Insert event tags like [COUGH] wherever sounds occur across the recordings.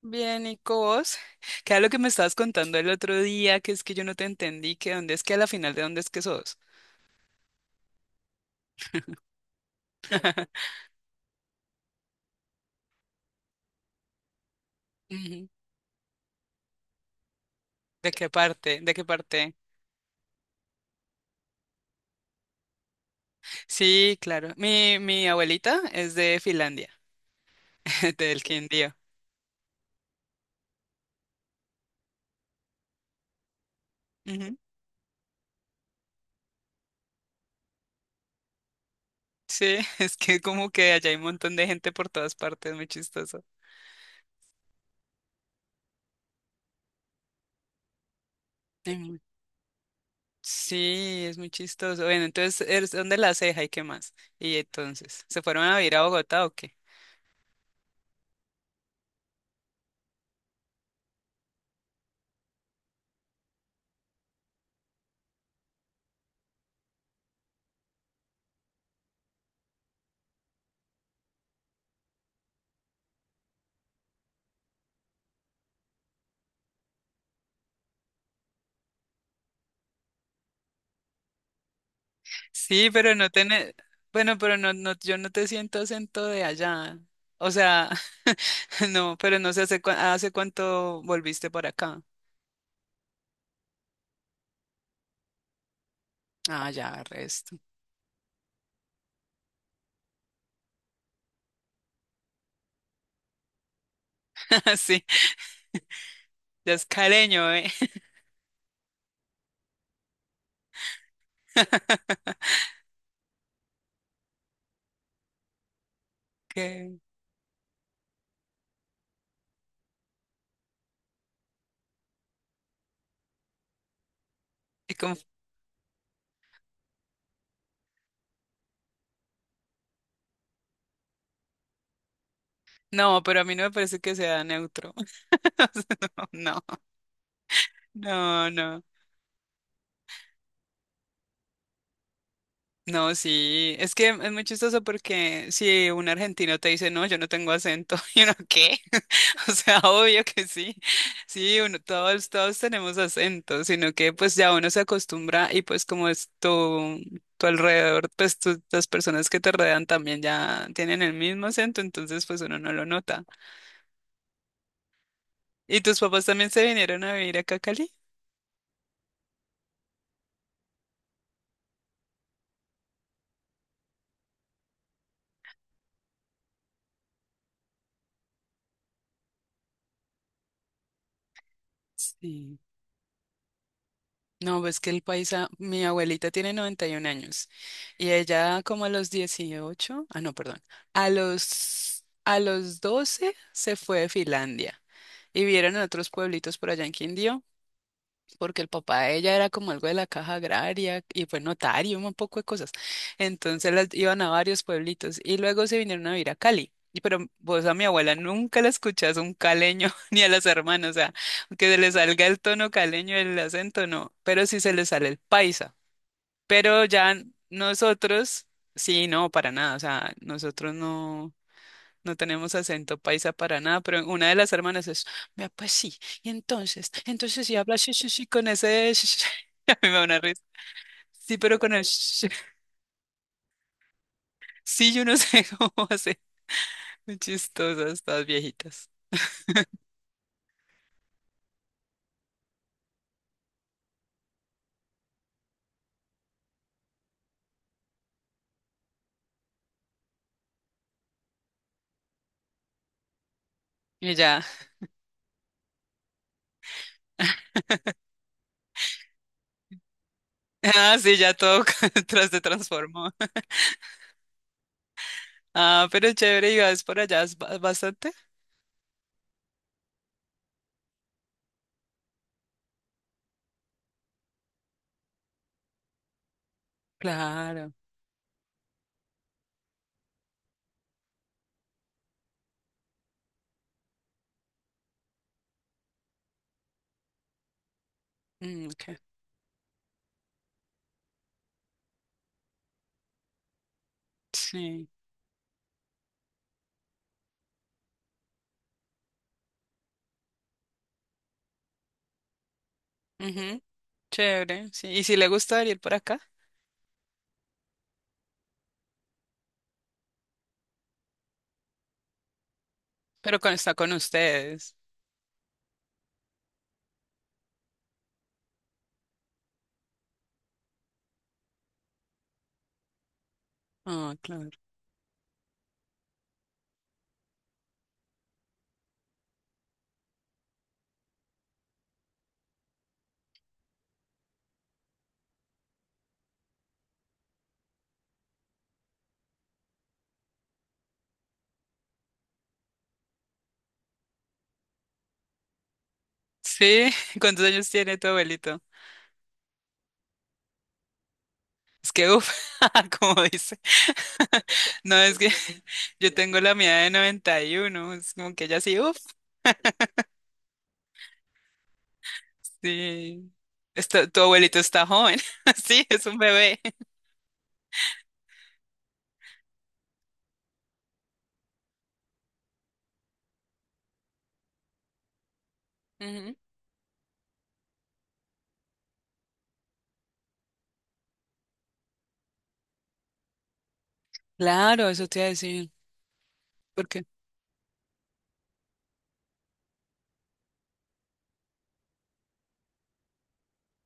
Bien, Nico, vos, ¿qué [LAUGHS] era lo que me estabas contando el otro día? Que es que yo no te entendí, que dónde es que a la final de dónde es que sos. Ujú. ¿De qué parte? ¿De qué parte? Sí, claro. Mi abuelita es de Finlandia, [LAUGHS] del Quindío. Ujú. Sí, [LAUGHS] es que como que allá hay un montón de gente por todas partes, muy chistoso. Ujú. Sí, es muy chistoso. Bueno, entonces, ¿eres? ¿Dónde, la Ceja y qué más? Y entonces, ¿se fueron a vivir a Bogotá o qué? Sí, pero no tiene, bueno, pero yo no te siento acento de allá. O sea, [LAUGHS] no, pero no sé hace, hace cuánto volviste por acá. Ah, ya, resto. [LAUGHS] Sí, ya es careño, ¿eh? [LAUGHS] Que- y como- no, pero a mí no me parece que sea neutro. [LAUGHS] O sea, No, no, no. No, sí, es que es muy chistoso porque si un argentino te dice: "No, yo no tengo acento", [LAUGHS] y uno, ¿qué? O sea, [LAUGHS] obvio que sí. Sí, uno, todos tenemos acento, sino que pues ya uno se acostumbra y pues como es tu alrededor, pues las personas que te rodean también ya tienen el mismo acento, entonces pues uno no lo nota. ¿Y tus papás también se vinieron a vivir acá a Cali? Sí. No, pues que el paisa, mi abuelita tiene 91 años y ella como a los 18, ah, no, perdón, a a los 12 se fue de Finlandia y vieron a otros pueblitos por allá en Quindío porque el papá de ella era como algo de la Caja Agraria y fue notario, un poco de cosas. Entonces las iban a varios pueblitos y luego se vinieron a vivir a Cali. Y pero vos a mi abuela nunca la escuchás un caleño [LAUGHS] ni a las hermanas, o sea, que se le salga el tono caleño, el acento, no, pero sí se le sale el paisa. Pero ya nosotros, sí, no, para nada, o sea, nosotros no. No tenemos acento paisa para nada, pero una de las hermanas es, vea, pues sí, y entonces, entonces si habla sí, sí, sí, con ese, sí, sí, [LAUGHS] a mí me da una risa. Sí, pero con el sí, sí, sí, yo no sé [LAUGHS] cómo hacer. Muy chistosas estas viejitas. Y ya, [LAUGHS] ah, sí, ya todo [LAUGHS] tras se transformó. Ah, pero chévere, y vas por allá es bastante. Claro. Mm, ok. Sí. Ujú. Chévere, sí. Y si le gusta venir por acá, pero con, está con ustedes. Ah, claro. Sí, [LAUGHS] ¿cuántos años tiene tu abuelito? Es que, uff, [LAUGHS] como dice. [LAUGHS] No, es que [LAUGHS] yo tengo la mía de 91, es como que ella sí, uff, sí. Está- tu abuelito está joven, [LAUGHS] sí, es un bebé. Ujú. Claro, eso te iba a decir. ¿Por qué?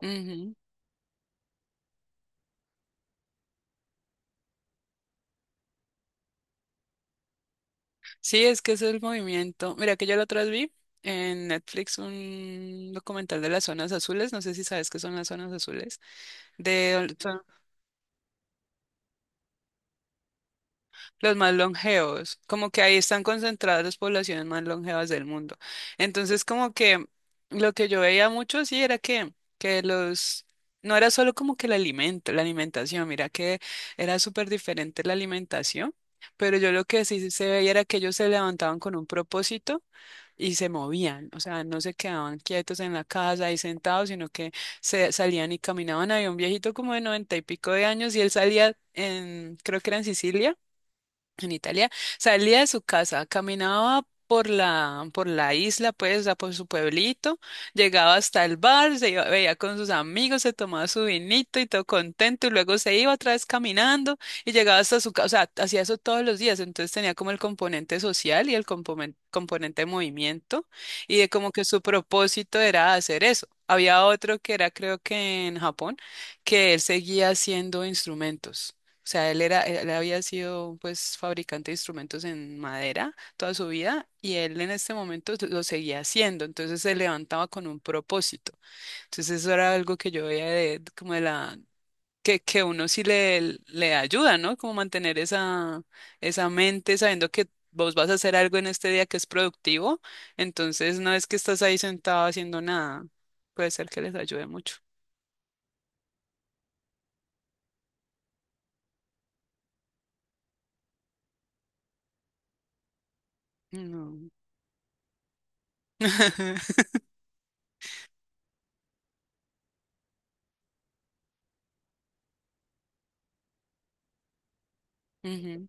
Ujú. Sí, es que ese es el movimiento. Mira que yo la otra vez vi en Netflix un documental de las zonas azules, no sé si sabes qué son las zonas azules, de los más longevos, como que ahí están concentradas las poblaciones más longevas del mundo. Entonces, como que lo que yo veía mucho, sí, era que, que los, no era solo como que el alimento, la alimentación, mira que era súper diferente la alimentación, pero yo lo que sí se veía era que ellos se levantaban con un propósito y se movían, o sea, no se quedaban quietos en la casa ahí sentados, sino que se salían y caminaban. Había un viejito como de 90 y pico de años y él salía en, creo que era en Sicilia, en Italia, salía de su casa, caminaba por la isla, pues, o por su pueblito, llegaba hasta el bar, se iba, veía con sus amigos, se tomaba su vinito y todo contento, y luego se iba otra vez caminando y llegaba hasta su casa, o sea, hacía eso todos los días, entonces tenía como el componente social y el componente de movimiento, y de como que su propósito era hacer eso. Había otro que era, creo que en Japón, que él seguía haciendo instrumentos. O sea, él era, él había sido pues fabricante de instrumentos en madera toda su vida y él en este momento lo seguía haciendo, entonces se levantaba con un propósito. Entonces eso era algo que yo veía de como de la que uno sí le ayuda, ¿no? Como mantener esa, esa mente sabiendo que vos vas a hacer algo en este día que es productivo, entonces no es que estás ahí sentado haciendo nada. Puede ser que les ayude mucho. No. [LAUGHS] Ujú.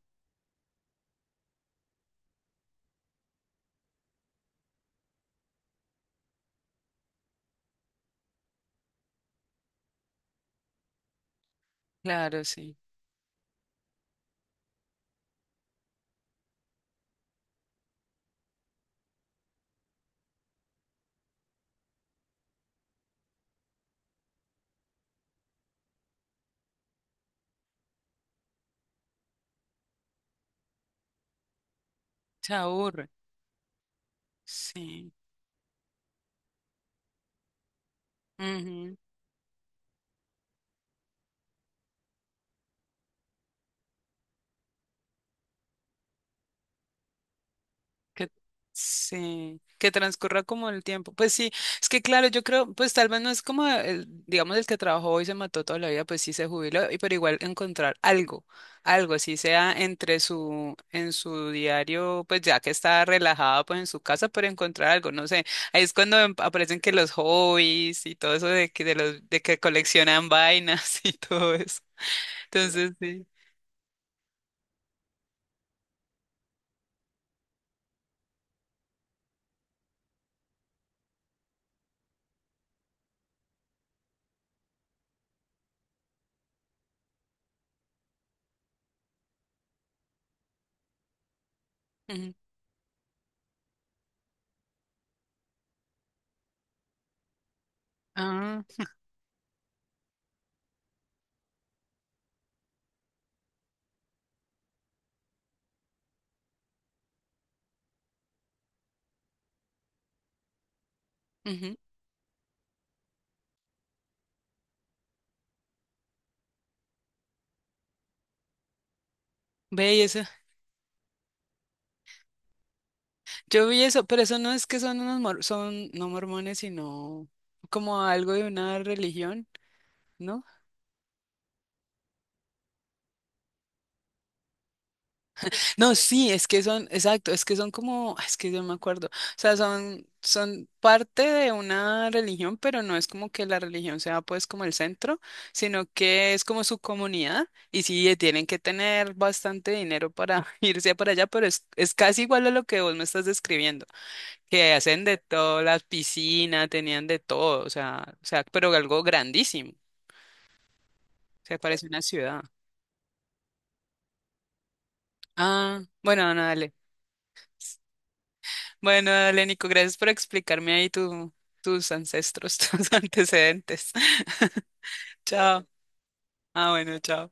Claro, sí. Se aburre. Sí. Ujú. Que, sí. Que transcurra como el tiempo. Pues sí, es que claro, yo creo, pues tal vez no es como el, digamos, el que trabajó y se mató toda la vida, pues sí se jubiló, y pero igual encontrar algo, algo, así sea entre su, en su diario, pues ya que está relajada, pues en su casa, pero encontrar algo, no sé. Ahí es cuando aparecen que los hobbies y todo eso de que coleccionan vainas [LAUGHS] y todo eso. Entonces, sí. Ujú. Ah, ujú. Ve, y eso yo vi eso, pero eso no es que son unos son no mormones, sino como algo de una religión, ¿no? No, sí, es que son, exacto, es que son como, es que yo me acuerdo, o sea, son, son parte de una religión, pero no es como que la religión sea pues como el centro, sino que es como su comunidad, y sí, tienen que tener bastante dinero para [LAUGHS] irse para allá, pero es casi igual a lo que vos me estás describiendo. Que hacen de todo, las piscinas, tenían de todo, o sea, pero algo grandísimo. O sea, parece una ciudad. Ah, bueno, no, dale. Bueno, dale, Nico, gracias por explicarme ahí tu, tus ancestros, [LAUGHS] tus antecedentes. [LAUGHS] Chao. Ah, bueno, chao.